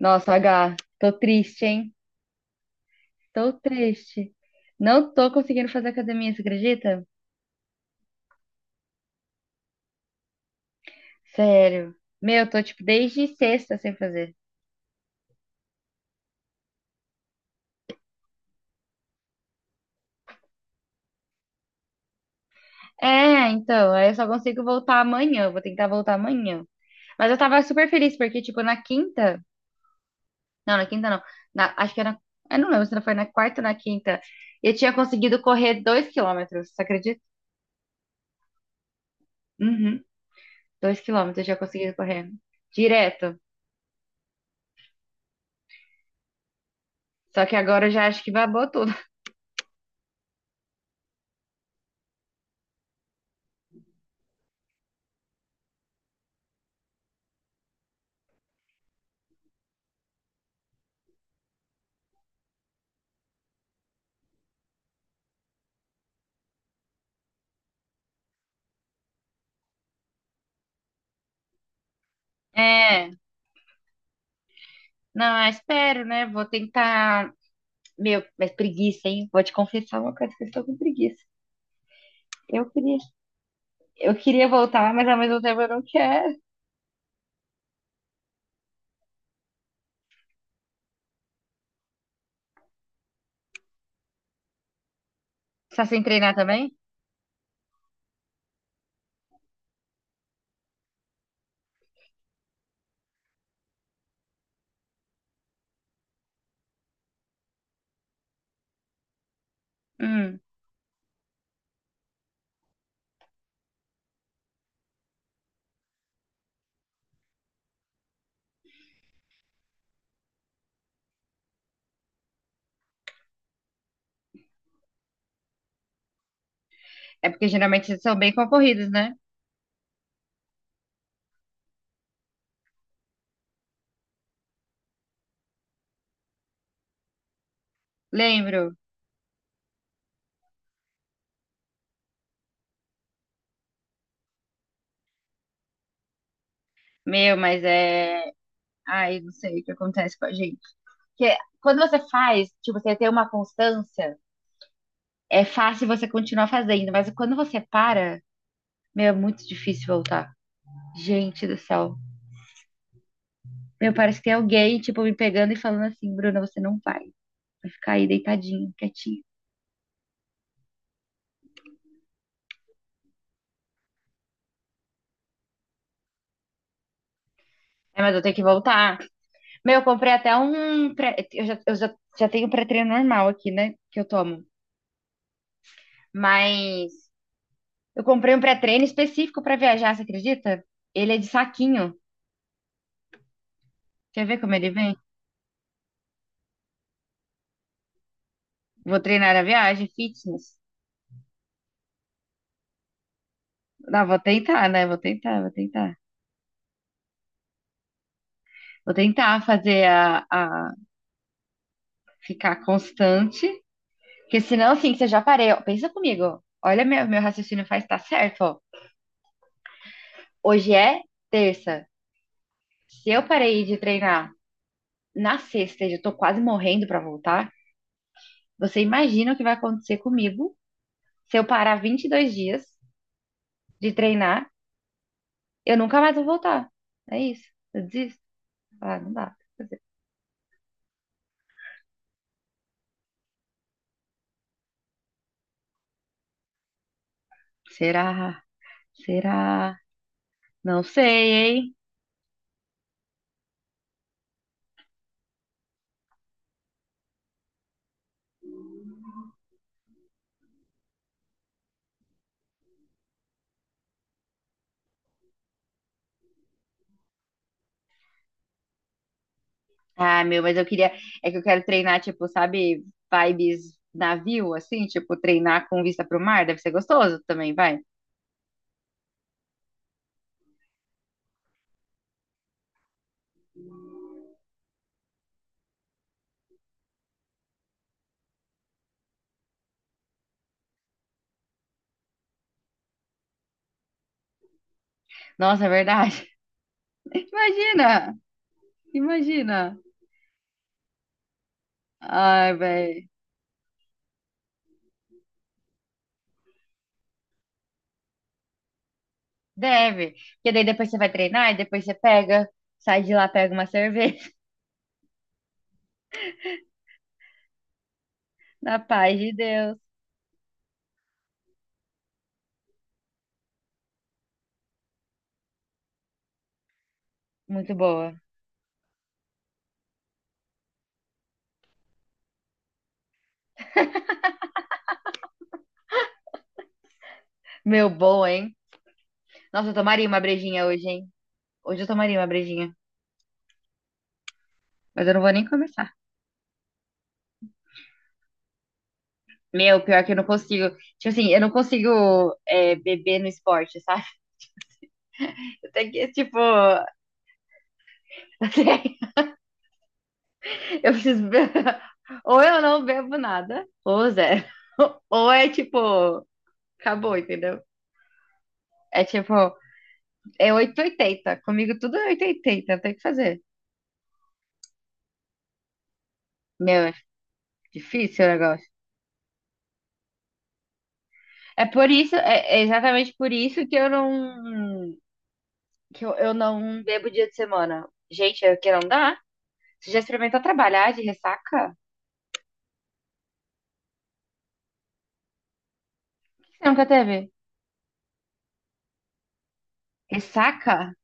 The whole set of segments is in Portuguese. Nossa, H, tô triste, hein? Tô triste. Não tô conseguindo fazer academia, você acredita? Sério. Meu, tô tipo desde sexta sem fazer. É, então, aí eu só consigo voltar amanhã, eu vou tentar voltar amanhã. Mas eu tava super feliz porque tipo na quinta, não, na quinta não. Acho que era, eu não lembro se não foi na quarta ou na quinta. Eu tinha conseguido correr 2 km, você acredita? Uhum, 2 km eu tinha conseguido correr direto. Só que agora eu já acho que babou tudo. É. Não, eu espero, né? Vou tentar. Meu, mas preguiça, hein? Vou te confessar uma coisa que eu estou com preguiça. Eu queria, eu queria voltar, mas ao mesmo tempo eu não quero. Só sem treinar também? Hum. É porque geralmente eles são bem concorridos, né? Lembro. Meu, mas é. Ai, não sei o que acontece com a gente. Porque quando você faz, tipo, você tem uma constância, é fácil você continuar fazendo, mas quando você para, meu, é muito difícil voltar. Gente do céu. Meu, parece que é alguém, tipo, me pegando e falando assim, Bruna, você não vai. Vai ficar aí deitadinho, quietinho. É, mas eu tenho que voltar. Meu, eu comprei até um. Pré... Eu já tenho um pré-treino normal aqui, né? Que eu tomo. Mas eu comprei um pré-treino específico pra viajar, você acredita? Ele é de saquinho. Quer ver como ele vem? Vou treinar a viagem, fitness. Não, vou tentar, né? Vou tentar, vou tentar. Vou tentar fazer a ficar constante. Porque senão, assim, que você já parei. Ó, pensa comigo. Olha, meu raciocínio faz tá certo, ó. Hoje é terça. Se eu parei de treinar na sexta e eu tô quase morrendo pra voltar, você imagina o que vai acontecer comigo se eu parar 22 dias de treinar, eu nunca mais vou voltar. É isso. Eu desisto. Ah, não dá. Será? Será? Não sei, hein? Ah, meu, mas eu queria. É que eu quero treinar, tipo, sabe, vibes navio, assim, tipo, treinar com vista pro mar, deve ser gostoso também, vai. Nossa, é verdade. Imagina! Imagina! Ai, velho. Deve. Porque daí depois você vai treinar e depois você pega, sai de lá, pega uma cerveja. Na paz de Deus. Muito boa. Meu, boa, hein? Nossa, eu tomaria uma brejinha hoje, hein? Hoje eu tomaria uma brejinha. Mas eu não vou nem começar. Meu, pior que eu não consigo. Tipo assim, eu não consigo é, beber no esporte, sabe? Até que, tipo, eu preciso. Ou eu não bebo nada, ou zero. Ou é tipo, acabou, entendeu? É tipo, é 880. Comigo tudo é 880, não tem o que fazer. Meu, é difícil o negócio. É por isso, é exatamente por isso que eu não. Que eu não bebo dia de semana. Gente, é que não dá. Você já experimentou trabalhar de ressaca? Você nunca teve? Ressaca?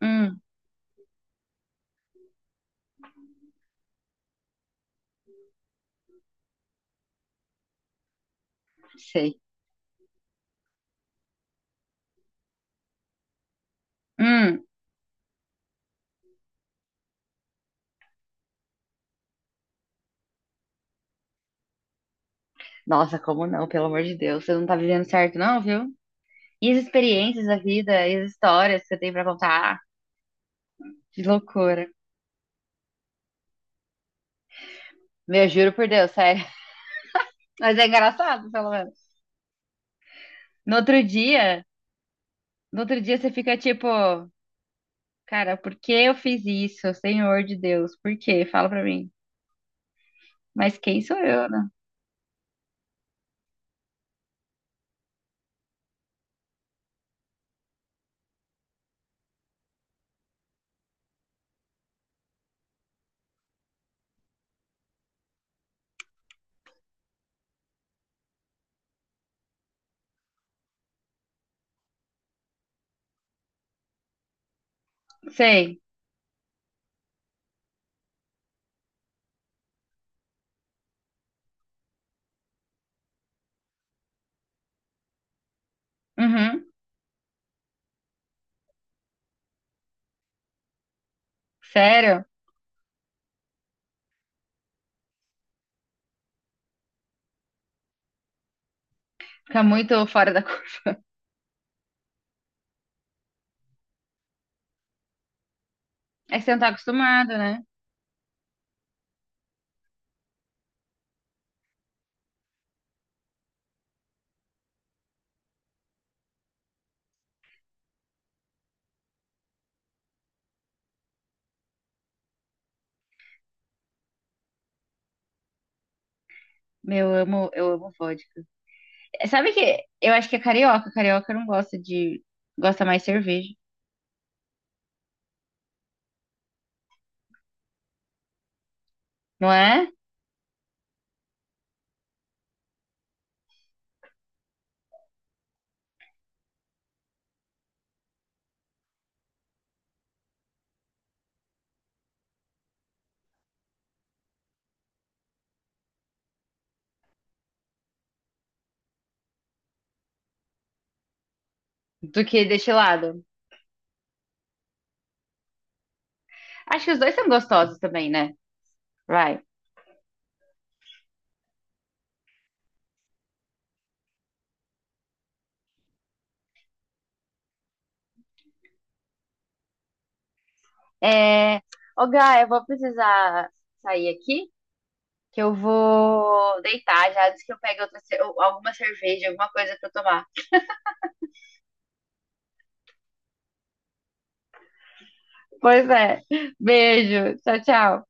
Hum, sei. Hum. Nossa, como não? Pelo amor de Deus, você não tá vivendo certo, não, viu? E as experiências da vida, e as histórias que você tem pra contar? Que loucura. Meu, juro por Deus, sério. Mas é engraçado, pelo menos. No outro dia, no outro dia você fica tipo, cara, por que eu fiz isso? Senhor de Deus, por quê? Fala pra mim. Mas quem sou eu, né? Sei. Uhum. Sério? Fica muito fora da cor. É que você não tá acostumado, né? Meu, eu amo vodka. Sabe que eu acho que é carioca. Carioca não gosta de. Gosta mais de cerveja, não é? Do que destilado. Acho que os dois são gostosos também, né? Vai. É... Ô, Gá, eu vou precisar sair aqui, que eu vou deitar já antes que eu pegue outra, alguma cerveja, alguma coisa pra eu tomar. Pois é. Beijo. Tchau, tchau.